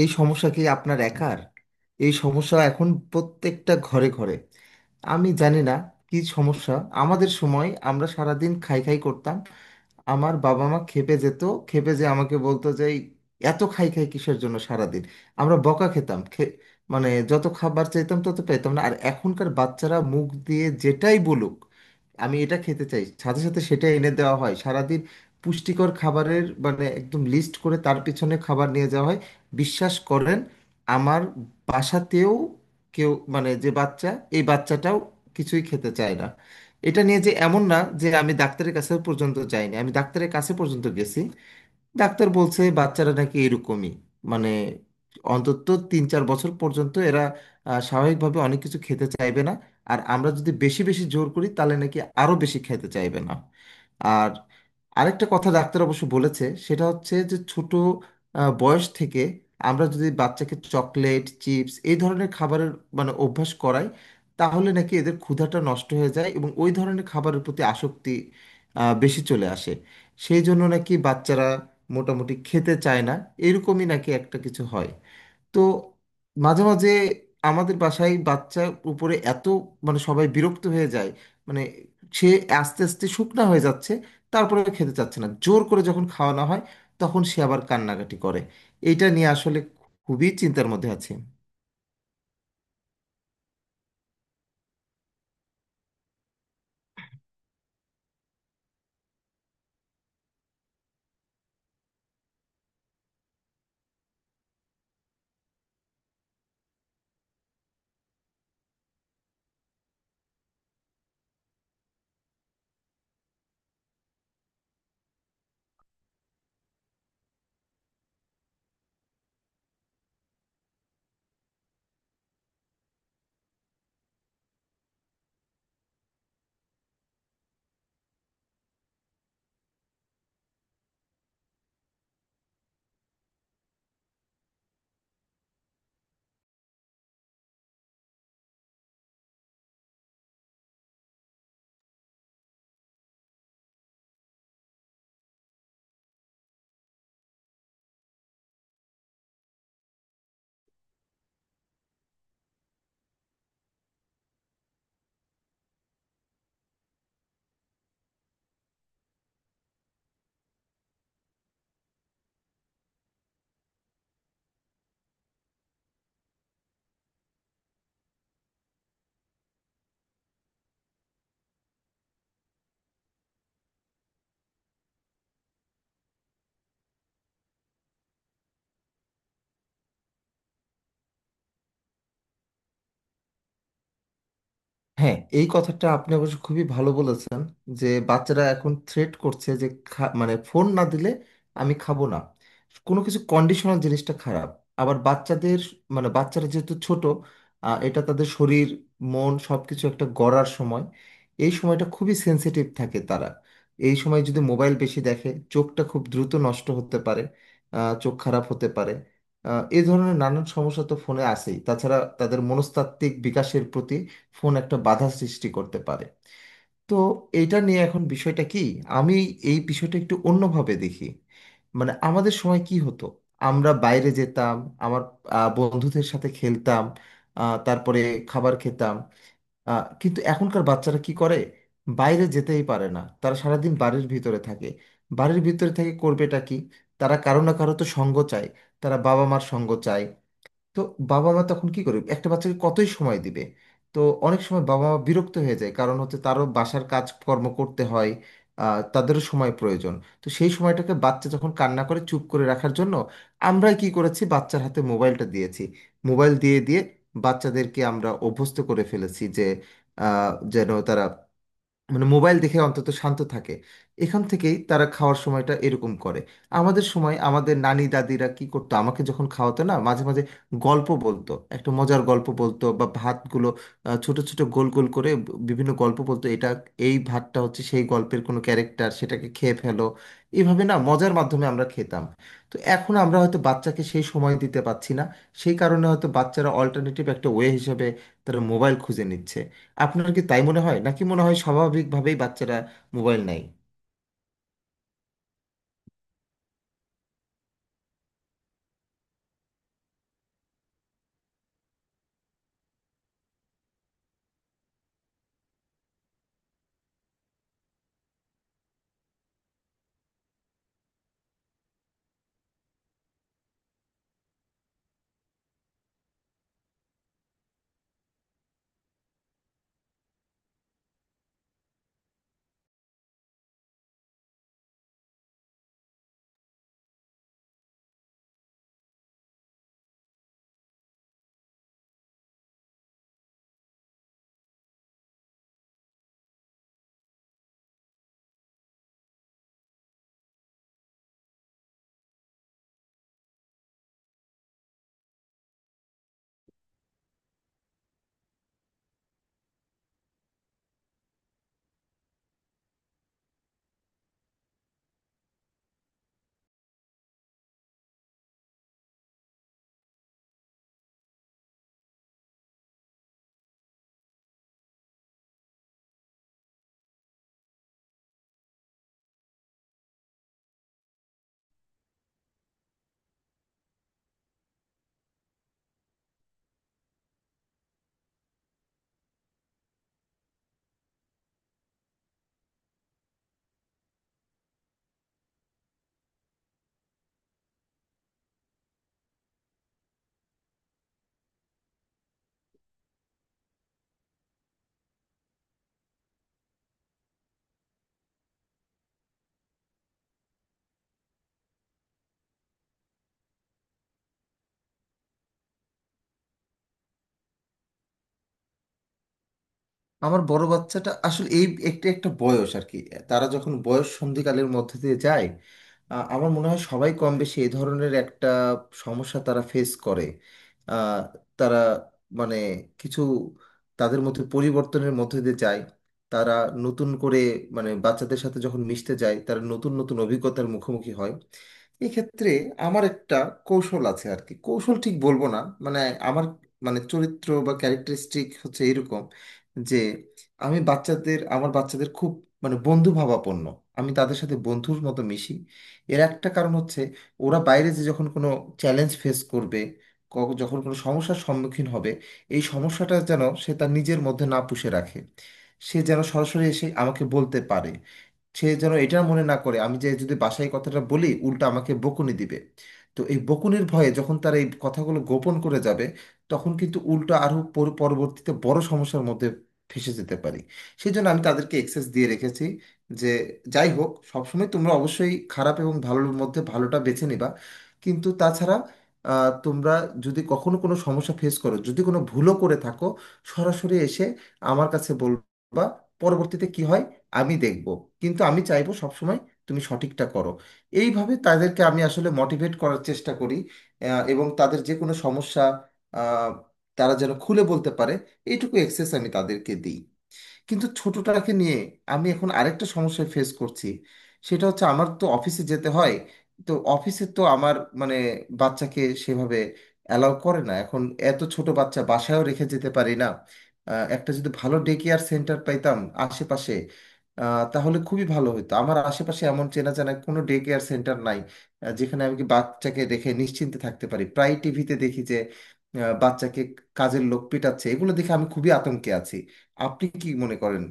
এই সমস্যা কি আপনার একার? এই সমস্যা এখন প্রত্যেকটা ঘরে ঘরে। আমি জানি না কি সমস্যা। আমাদের সময় আমরা সারাদিন খাই খাই করতাম। আমার বাবা মা খেপে যেত। খেপে যে আমাকে বলতো যে "এই, এত খাই খাই কিসের জন্য সারাদিন।" আমরা বকা খেতাম। মানে যত খাবার চাইতাম তত পেতাম না। আর এখনকার বাচ্চারা মুখ দিয়ে যেটাই বলুক, আমি এটা খেতে চাই, সাথে সাথে সেটা এনে দেওয়া হয়। সারাদিন পুষ্টিকর খাবারের মানে একদম লিস্ট করে তার পিছনে খাবার নিয়ে যাওয়া হয়। বিশ্বাস করেন, আমার বাসাতেও কেউ মানে যে বাচ্চা, এই বাচ্চাটাও কিছুই খেতে চায় না। এটা নিয়ে যে এমন না যে আমি ডাক্তারের কাছে পর্যন্ত যাইনি, আমি ডাক্তারের কাছে পর্যন্ত গেছি। ডাক্তার বলছে বাচ্চারা নাকি এরকমই। মানে অন্তত 3 4 বছর পর্যন্ত এরা স্বাভাবিকভাবে অনেক কিছু খেতে চাইবে না। আর আমরা যদি বেশি বেশি জোর করি তাহলে নাকি আরো বেশি খেতে চাইবে না। আর আরেকটা কথা ডাক্তার অবশ্য বলেছে, সেটা হচ্ছে যে ছোট বয়স থেকে আমরা যদি বাচ্চাকে চকলেট চিপস এই ধরনের খাবারের মানে অভ্যাস করাই, তাহলে নাকি এদের ক্ষুধাটা নষ্ট হয়ে যায় এবং ওই ধরনের খাবারের প্রতি আসক্তি বেশি চলে আসে। সেই জন্য নাকি বাচ্চারা মোটামুটি খেতে চায় না। এরকমই নাকি একটা কিছু হয়। তো মাঝে মাঝে আমাদের বাসায় বাচ্চার উপরে এত, মানে সবাই বিরক্ত হয়ে যায়। মানে সে আস্তে আস্তে শুকনা হয়ে যাচ্ছে। তারপরে খেতে চাচ্ছে না, জোর করে যখন খাওয়ানো হয় তখন সে আবার কান্নাকাটি করে। এইটা নিয়ে আসলে খুবই চিন্তার মধ্যে আছে। হ্যাঁ, এই কথাটা আপনি অবশ্য খুবই ভালো বলেছেন, যে বাচ্চারা এখন থ্রেট করছে যে মানে ফোন না দিলে আমি খাবো না। কোনো কিছু কন্ডিশনাল জিনিসটা খারাপ। আবার বাচ্চাদের মানে বাচ্চারা যেহেতু ছোট, এটা তাদের শরীর মন সবকিছু একটা গড়ার সময়। এই সময়টা খুবই সেনসিটিভ থাকে তারা। এই সময় যদি মোবাইল বেশি দেখে, চোখটা খুব দ্রুত নষ্ট হতে পারে। চোখ খারাপ হতে পারে। এই ধরনের নানান সমস্যা তো ফোনে আসেই, তাছাড়া তাদের মনস্তাত্ত্বিক বিকাশের প্রতি ফোন একটা বাধা সৃষ্টি করতে পারে। তো এটা নিয়ে এখন বিষয়টা কি, আমি এই বিষয়টা একটু অন্যভাবে দেখি। মানে আমাদের সময় কি হতো, আমরা বাইরে যেতাম। আমার বন্ধুদের সাথে খেলতাম। তারপরে খাবার খেতাম। কিন্তু এখনকার বাচ্চারা কি করে, বাইরে যেতেই পারে না, তারা সারাদিন বাড়ির ভিতরে থাকে। বাড়ির ভিতরে থেকে করবেটা কি? তারা কারো না কারো তো সঙ্গ চায়। তারা বাবা মার সঙ্গ চায়। তো বাবা মা তখন কি করবে, একটা বাচ্চাকে কতই সময় দিবে। তো অনেক সময় বাবা মা বিরক্ত হয়ে যায় কারণ হচ্ছে তারও বাসার কাজকর্ম করতে হয়। তাদেরও সময় প্রয়োজন। তো সেই সময়টাকে বাচ্চা যখন কান্না করে, চুপ করে রাখার জন্য আমরাই কি করেছি, বাচ্চার হাতে মোবাইলটা দিয়েছি। মোবাইল দিয়ে দিয়ে বাচ্চাদেরকে আমরা অভ্যস্ত করে ফেলেছি যে যেন তারা মানে মোবাইল দেখে অন্তত শান্ত থাকে। এখান থেকেই তারা খাওয়ার সময়টা এরকম করে। আমাদের সময় আমাদের নানি দাদিরা কি করতো, আমাকে যখন খাওয়াতো না মাঝে মাঝে, গল্প বলতো, একটা মজার গল্প বলতো, বা ভাতগুলো ছোট ছোট গোল গোল করে বিভিন্ন গল্প বলতো, এটা এই ভাতটা হচ্ছে সেই গল্পের কোনো ক্যারেক্টার, সেটাকে খেয়ে ফেলো। এইভাবে না মজার মাধ্যমে আমরা খেতাম। তো এখন আমরা হয়তো বাচ্চাকে সেই সময় দিতে পারছি না। সেই কারণে হয়তো বাচ্চারা অল্টারনেটিভ একটা ওয়ে হিসেবে তারা মোবাইল খুঁজে নিচ্ছে। আপনার কি তাই মনে হয় নাকি মনে হয় স্বাভাবিকভাবেই বাচ্চারা মোবাইল নেয়? আমার বড় বাচ্চাটা আসলে এই, একটা একটা বয়স আর কি, তারা যখন বয়স সন্ধিকালের মধ্যে দিয়ে যায়, আমার মনে হয় সবাই কম বেশি এই ধরনের একটা সমস্যা তারা ফেস করে। আহ, তারা মানে কিছু তাদের মধ্যে পরিবর্তনের মধ্যে দিয়ে যায়। তারা নতুন করে মানে বাচ্চাদের সাথে যখন মিশতে যায়, তারা নতুন নতুন অভিজ্ঞতার মুখোমুখি হয়। এক্ষেত্রে আমার একটা কৌশল আছে আর কি, কৌশল ঠিক বলবো না, মানে আমার মানে চরিত্র বা ক্যারেক্টারিস্টিক হচ্ছে এরকম যে আমি বাচ্চাদের, আমার বাচ্চাদের খুব মানে বন্ধু ভাবাপন্ন, আমি তাদের সাথে বন্ধুর মতো মিশি। এর একটা কারণ হচ্ছে ওরা বাইরে যে যখন কোনো চ্যালেঞ্জ ফেস করবে, যখন কোনো সমস্যার সম্মুখীন হবে, এই সমস্যাটা যেন সে তার নিজের মধ্যে না পুষে রাখে। সে যেন সরাসরি এসে আমাকে বলতে পারে। সে যেন এটা মনে না করে আমি যে যদি বাসায় এই কথাটা বলি উল্টা আমাকে বকুনি দিবে। তো এই বকুনির ভয়ে যখন তারা এই কথাগুলো গোপন করে যাবে, তখন কিন্তু উল্টো আরও পরবর্তীতে বড় সমস্যার মধ্যে ফেঁসে যেতে পারি। সেই জন্য আমি তাদেরকে এক্সেস দিয়ে রেখেছি যে যাই হোক সবসময় তোমরা অবশ্যই খারাপ এবং ভালোর মধ্যে ভালোটা বেছে নিবা। কিন্তু তাছাড়া তোমরা যদি কখনো কোনো সমস্যা ফেস করো, যদি কোনো ভুলও করে থাকো, সরাসরি এসে আমার কাছে বলবা। পরবর্তীতে কি হয় আমি দেখব, কিন্তু আমি চাইবো সবসময় তুমি সঠিকটা করো। এইভাবে তাদেরকে আমি আসলে মোটিভেট করার চেষ্টা করি। এবং তাদের যে কোনো সমস্যা আহ, তারা যেন খুলে বলতে পারে, এইটুকু এক্সেস আমি তাদেরকে দিই। কিন্তু ছোটটাকে নিয়ে আমি এখন আরেকটা সমস্যায় ফেস করছি। সেটা হচ্ছে আমার তো অফিসে যেতে হয়। তো অফিসে তো আমার মানে বাচ্চাকে সেভাবে অ্যালাউ করে না এখন। এত ছোট বাচ্চা বাসায়ও রেখে যেতে পারি না। একটা যদি ভালো ডে কেয়ার সেন্টার পাইতাম আশেপাশে, তাহলে খুবই ভালো হতো। আমার আশেপাশে এমন চেনা জানা কোনো ডে কেয়ার সেন্টার নাই যেখানে আমি কি বাচ্চাকে রেখে নিশ্চিন্তে থাকতে পারি। প্রায় টিভিতে দেখি যে বাচ্চাকে কাজের লোক পেটাচ্ছে, এগুলো দেখে আমি খুবই আতঙ্কে আছি। আপনি কি মনে করেন?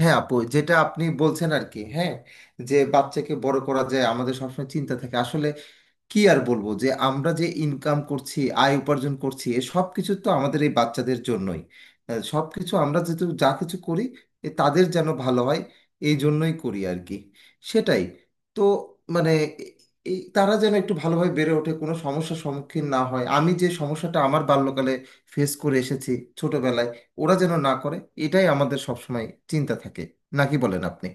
হ্যাঁ আপু, যেটা আপনি বলছেন আর কি, হ্যাঁ, যে বাচ্চাকে বড় করা যায় আমাদের সবসময় চিন্তা থাকে আসলে। কি আর বলবো, যে আমরা যে ইনকাম করছি, আয় উপার্জন করছি, এ সব কিছু তো আমাদের এই বাচ্চাদের জন্যই। সব কিছু আমরা যেহেতু যা কিছু করি, এ তাদের যেন ভালো হয় এই জন্যই করি আর কি। সেটাই। তো মানে এ- এই তারা যেন একটু ভালোভাবে বেড়ে ওঠে, কোনো সমস্যার সম্মুখীন না হয়। আমি যে সমস্যাটা আমার বাল্যকালে ফেস করে এসেছি ছোটবেলায়, ওরা যেন না করে। এটাই আমাদের সবসময় চিন্তা থাকে। নাকি বলেন আপনি?